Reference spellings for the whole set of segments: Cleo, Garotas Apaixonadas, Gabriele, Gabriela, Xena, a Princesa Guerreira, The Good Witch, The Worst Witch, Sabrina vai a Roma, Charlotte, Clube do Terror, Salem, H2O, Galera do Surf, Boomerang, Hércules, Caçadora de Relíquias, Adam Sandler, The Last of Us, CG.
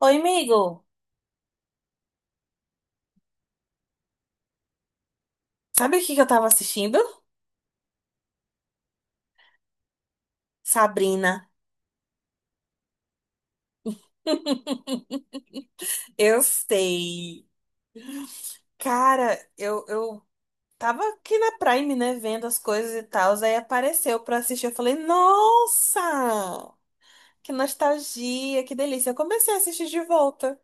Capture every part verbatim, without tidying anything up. Oi, amigo. Sabe o que que eu tava assistindo? Sabrina. Eu sei. Cara, eu, eu tava aqui na Prime, né, vendo as coisas e tal, aí apareceu pra assistir. Eu falei, nossa, que nostalgia, que delícia. Eu comecei a assistir de volta.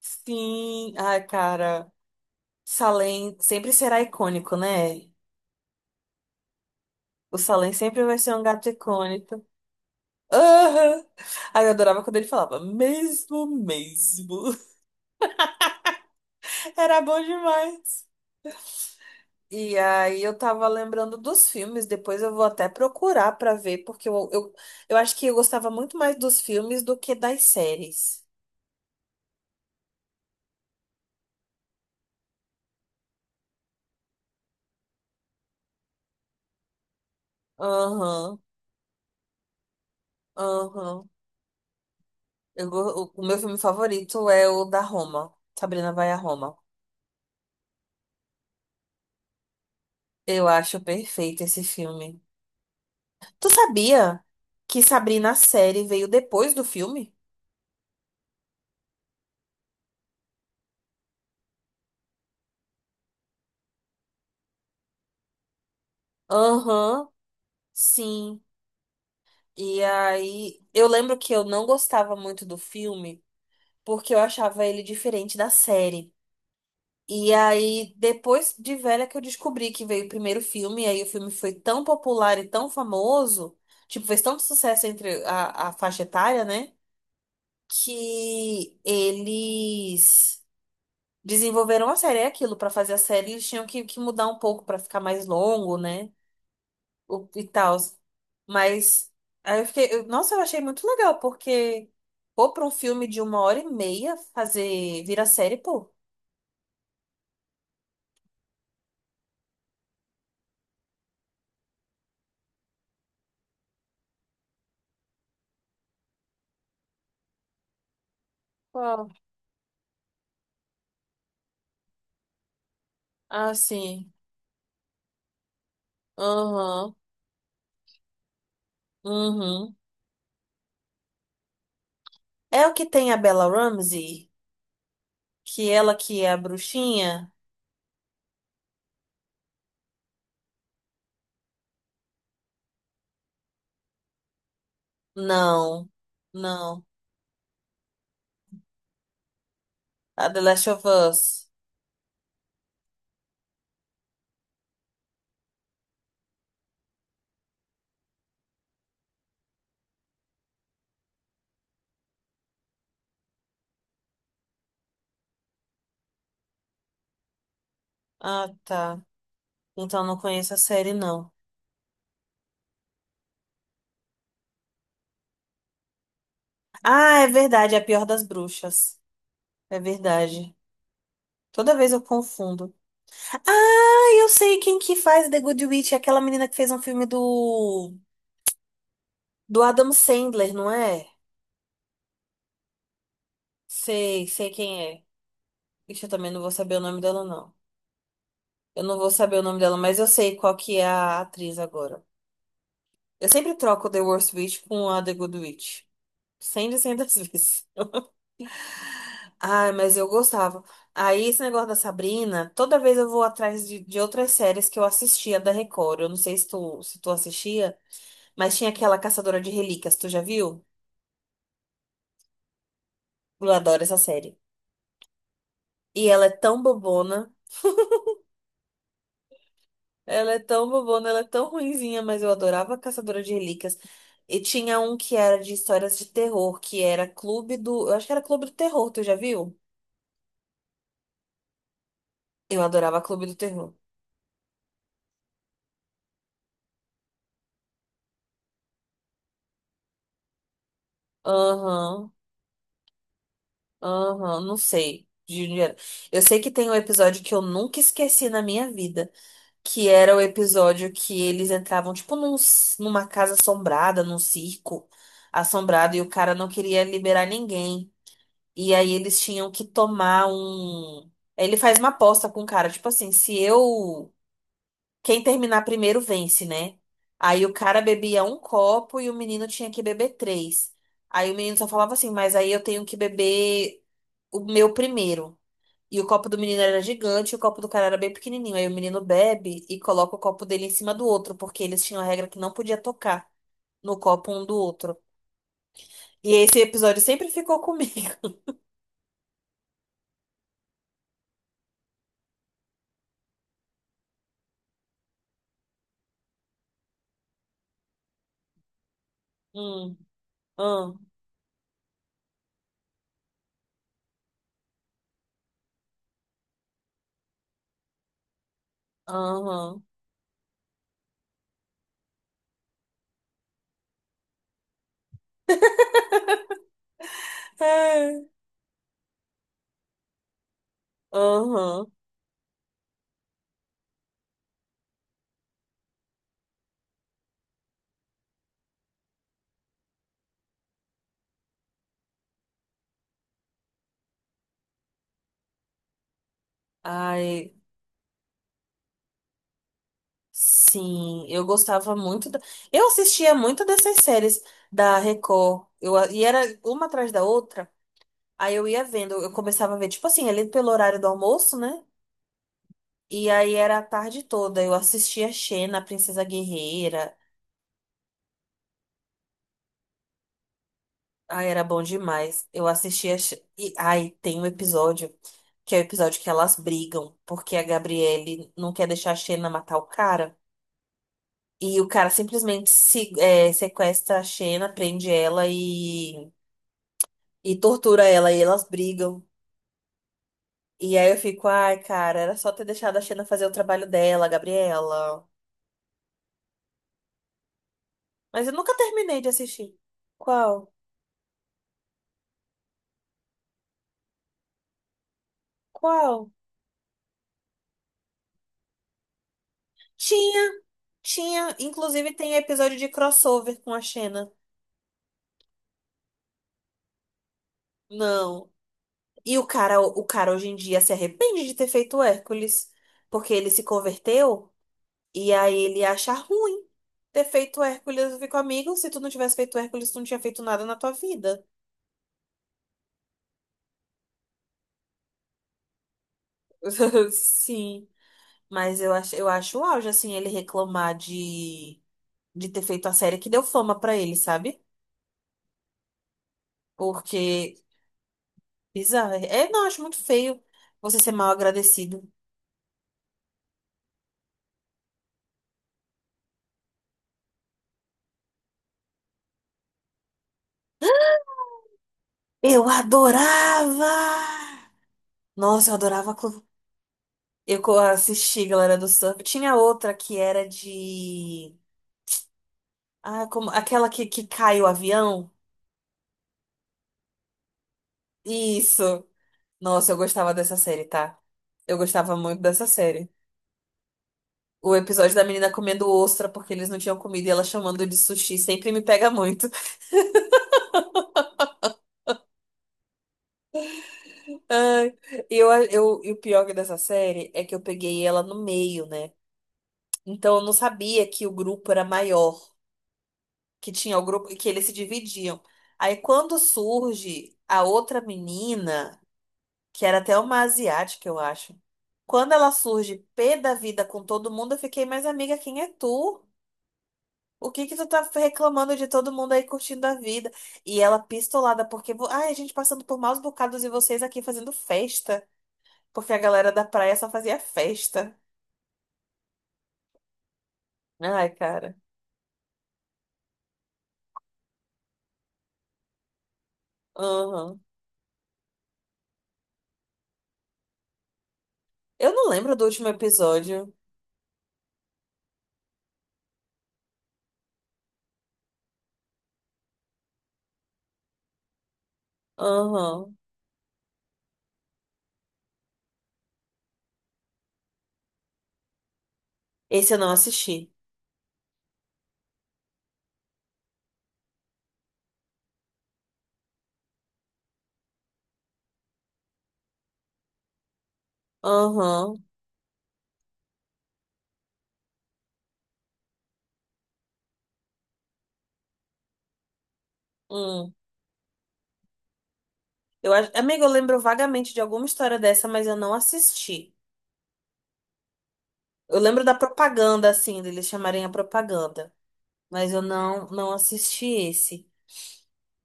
Sim, ai, cara, Salem sempre será icônico, né? O Salem sempre vai ser um gato icônico. Aham. Aí eu adorava quando ele falava, mesmo, mesmo. Era bom demais. E aí eu tava lembrando dos filmes, depois eu vou até procurar pra ver, porque eu, eu, eu acho que eu gostava muito mais dos filmes do que das séries. Aham, aham. Eu go- O, o meu filme favorito é o da Roma, Sabrina vai a Roma. Eu acho perfeito esse filme. Tu sabia que Sabrina a série veio depois do filme? Aham, sim. E aí eu lembro que eu não gostava muito do filme porque eu achava ele diferente da série. E aí, depois de velha que eu descobri que veio o primeiro filme, e aí o filme foi tão popular e tão famoso, tipo, fez tanto sucesso entre a, a faixa etária, né? Que eles desenvolveram a série, é aquilo, pra fazer a série, eles tinham que, que mudar um pouco pra ficar mais longo, né? O, e tal. Mas aí eu fiquei, eu- nossa, eu achei muito legal, porque pô, pra um filme de uma hora e meia fazer, virar série, pô. Uau. Assim. Aham. Uhum. É o que tem a Bella Ramsey? Que ela que é a bruxinha? Não, não. A The Last of Us. Ah, tá. Então não conheço a série, não. Ah, é verdade, é a pior das bruxas. É verdade. Toda vez eu confundo. Ah, eu sei quem que faz The Good Witch, é aquela menina que fez um filme do do Adam Sandler, não é? Sei, sei quem é. Ixi, eu também não vou saber o nome dela, não. Eu não vou saber o nome dela, mas eu sei qual que é a atriz agora. Eu sempre troco The Worst Witch com a The Good Witch. Cem de cem das vezes. Ai, mas eu gostava. Aí, esse negócio da Sabrina, toda vez eu vou atrás de, de outras séries que eu assistia da Record. Eu não sei se tu, se tu assistia, mas tinha aquela Caçadora de Relíquias, tu já viu? Eu adoro essa série. E ela é tão bobona, ela é tão bobona, ela é tão ruinzinha, mas eu adorava a Caçadora de Relíquias. E tinha um que era de histórias de terror, que era Clube do. Eu acho que era Clube do Terror, tu já viu? Eu adorava Clube do Terror. Aham, aham, não sei. De Juliana. Eu sei que tem um episódio que eu nunca esqueci na minha vida, que era o episódio que eles entravam, tipo, num, c- numa casa assombrada, num circo assombrado, e o cara não queria liberar ninguém. E aí eles tinham que tomar um. Aí ele faz uma aposta com o cara, tipo assim, se eu. Quem terminar primeiro vence, né? Aí o cara bebia um copo e o menino tinha que beber três. Aí o menino só falava assim, mas aí eu tenho que beber. O meu primeiro. E o copo do menino era gigante, e o copo do cara era bem pequenininho. Aí o menino bebe e coloca o copo dele em cima do outro, porque eles tinham a regra que não podia tocar no copo um do outro. E esse episódio sempre ficou comigo. Hum, hum, aham. É, aham. Ai, sim, eu gostava muito da... Eu assistia muito dessas séries da Record. Eu, a- e era uma atrás da outra. Aí eu ia vendo, eu começava a ver, tipo assim, ali pelo horário do almoço, né? E aí era a tarde toda. Eu assistia Xena, a Princesa Guerreira. Ai, era bom demais. Eu assistia. Xe- E, ai, tem um episódio que é o episódio que elas brigam, porque a Gabriele não quer deixar a Xena matar o cara. E o cara simplesmente se, é, sequestra a Xena, prende ela e, e tortura ela. E elas brigam. E aí eu fico, ai, cara, era só ter deixado a Xena fazer o trabalho dela, Gabriela. Mas eu nunca terminei de assistir. Qual? Qual? Tinha. Tinha, inclusive tem episódio de crossover com a Xena. Não. E o cara, o cara hoje em dia se arrepende de ter feito o Hércules, porque ele se converteu e aí ele acha ruim ter feito o Hércules. Eu fico, amigo, se tu não tivesse feito o Hércules, tu não tinha feito nada na tua vida. Sim, mas eu acho, eu acho o auge, assim, ele reclamar de, de ter feito a série que deu fama pra ele, sabe? Porque, bizarro. É, não, eu acho muito feio você ser mal agradecido. Eu adorava! Nossa, eu adorava. co- Eu co- assisti Galera do Surf. Tinha outra que era de. Ah, como... aquela que, que cai o avião? Isso! Nossa, eu gostava dessa série, tá? Eu gostava muito dessa série. O episódio da menina comendo ostra porque eles não tinham comida e ela chamando de sushi sempre me pega muito. Ai, e eu, eu, e o pior dessa série é que eu peguei ela no meio, né? Então eu não sabia que o grupo era maior. Que tinha o grupo que eles se dividiam. Aí quando surge a outra menina, que era até uma asiática, eu acho. Quando ela surge pé da vida com todo mundo, eu fiquei, mas amiga, quem é tu? O que que tu tá reclamando de todo mundo aí curtindo a vida? E ela pistolada, porque, vo- ai, a gente passando por maus bocados e vocês aqui fazendo festa, porque a galera da praia só fazia festa. Ai, cara. Aham. Eu não lembro do último episódio. Aham. Esse eu não assisti. Aham. Hum. Eu, acho- amiga, eu lembro vagamente de alguma história dessa, mas eu não assisti. Eu lembro da propaganda, assim, deles chamarem a propaganda. Mas eu não, não assisti esse.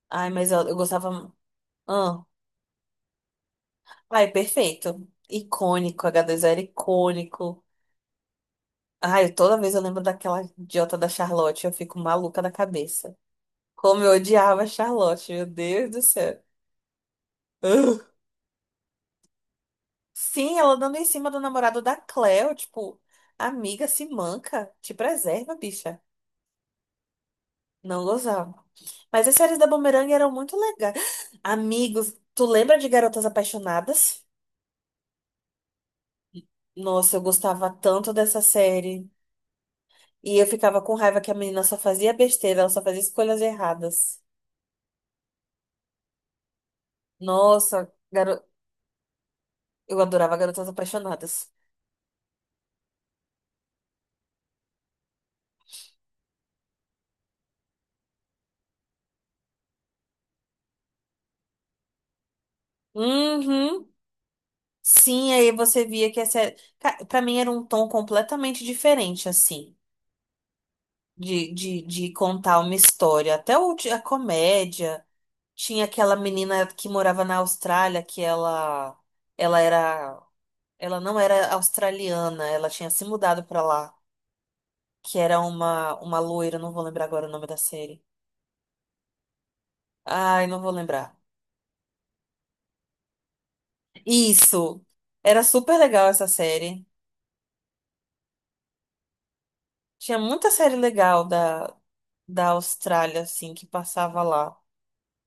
Ai, mas eu, eu gostava. Ah. Ai, perfeito. Icônico, agá dois ó era icônico. Ai, toda vez eu lembro daquela idiota da Charlotte, eu fico maluca da cabeça. Como eu odiava a Charlotte, meu Deus do céu. Ugh. Sim, ela dando em cima do namorado da Cleo, tipo. Amiga, se manca. Te preserva, bicha. Não gozava. Mas as séries da Boomerang eram muito legais. Amigos, tu lembra de Garotas Apaixonadas? Nossa, eu gostava tanto dessa série. E eu ficava com raiva que a menina só fazia besteira, ela só fazia escolhas erradas. Nossa, garo... eu adorava Garotas Apaixonadas. Uhum. Sim, aí você via que a série. Ca- Pra mim era um tom completamente diferente, assim, de, de, de contar uma história. Até o, a comédia. Tinha aquela menina que morava na Austrália, que ela, ela era, ela não era australiana, ela tinha se mudado pra lá, que era uma, uma loira, não vou lembrar agora o nome da série. Ai, não vou lembrar. Isso. Era super legal essa série. Tinha muita série legal da, da Austrália, assim, que passava lá.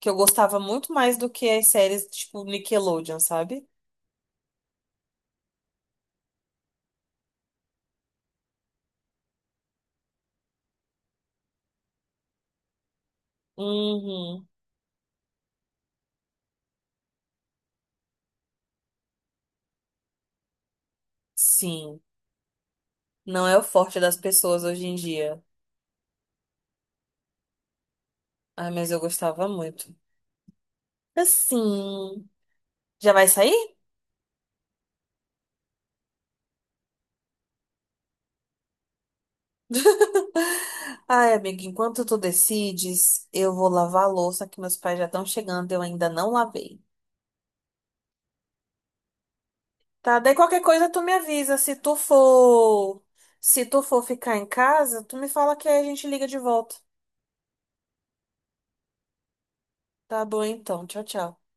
Que eu gostava muito mais do que as séries, tipo, Nickelodeon, sabe? Uhum. Sim. Não é o forte das pessoas hoje em dia. Ai, mas eu gostava muito. Assim, já vai sair? Ai, amiga, enquanto tu decides, eu vou lavar a louça que meus pais já estão chegando, eu ainda não lavei. Tá, daí qualquer coisa tu me avisa, se tu for, se tu for ficar em casa, tu me fala que aí a gente liga de volta. Tá bom então. Tchau, tchau.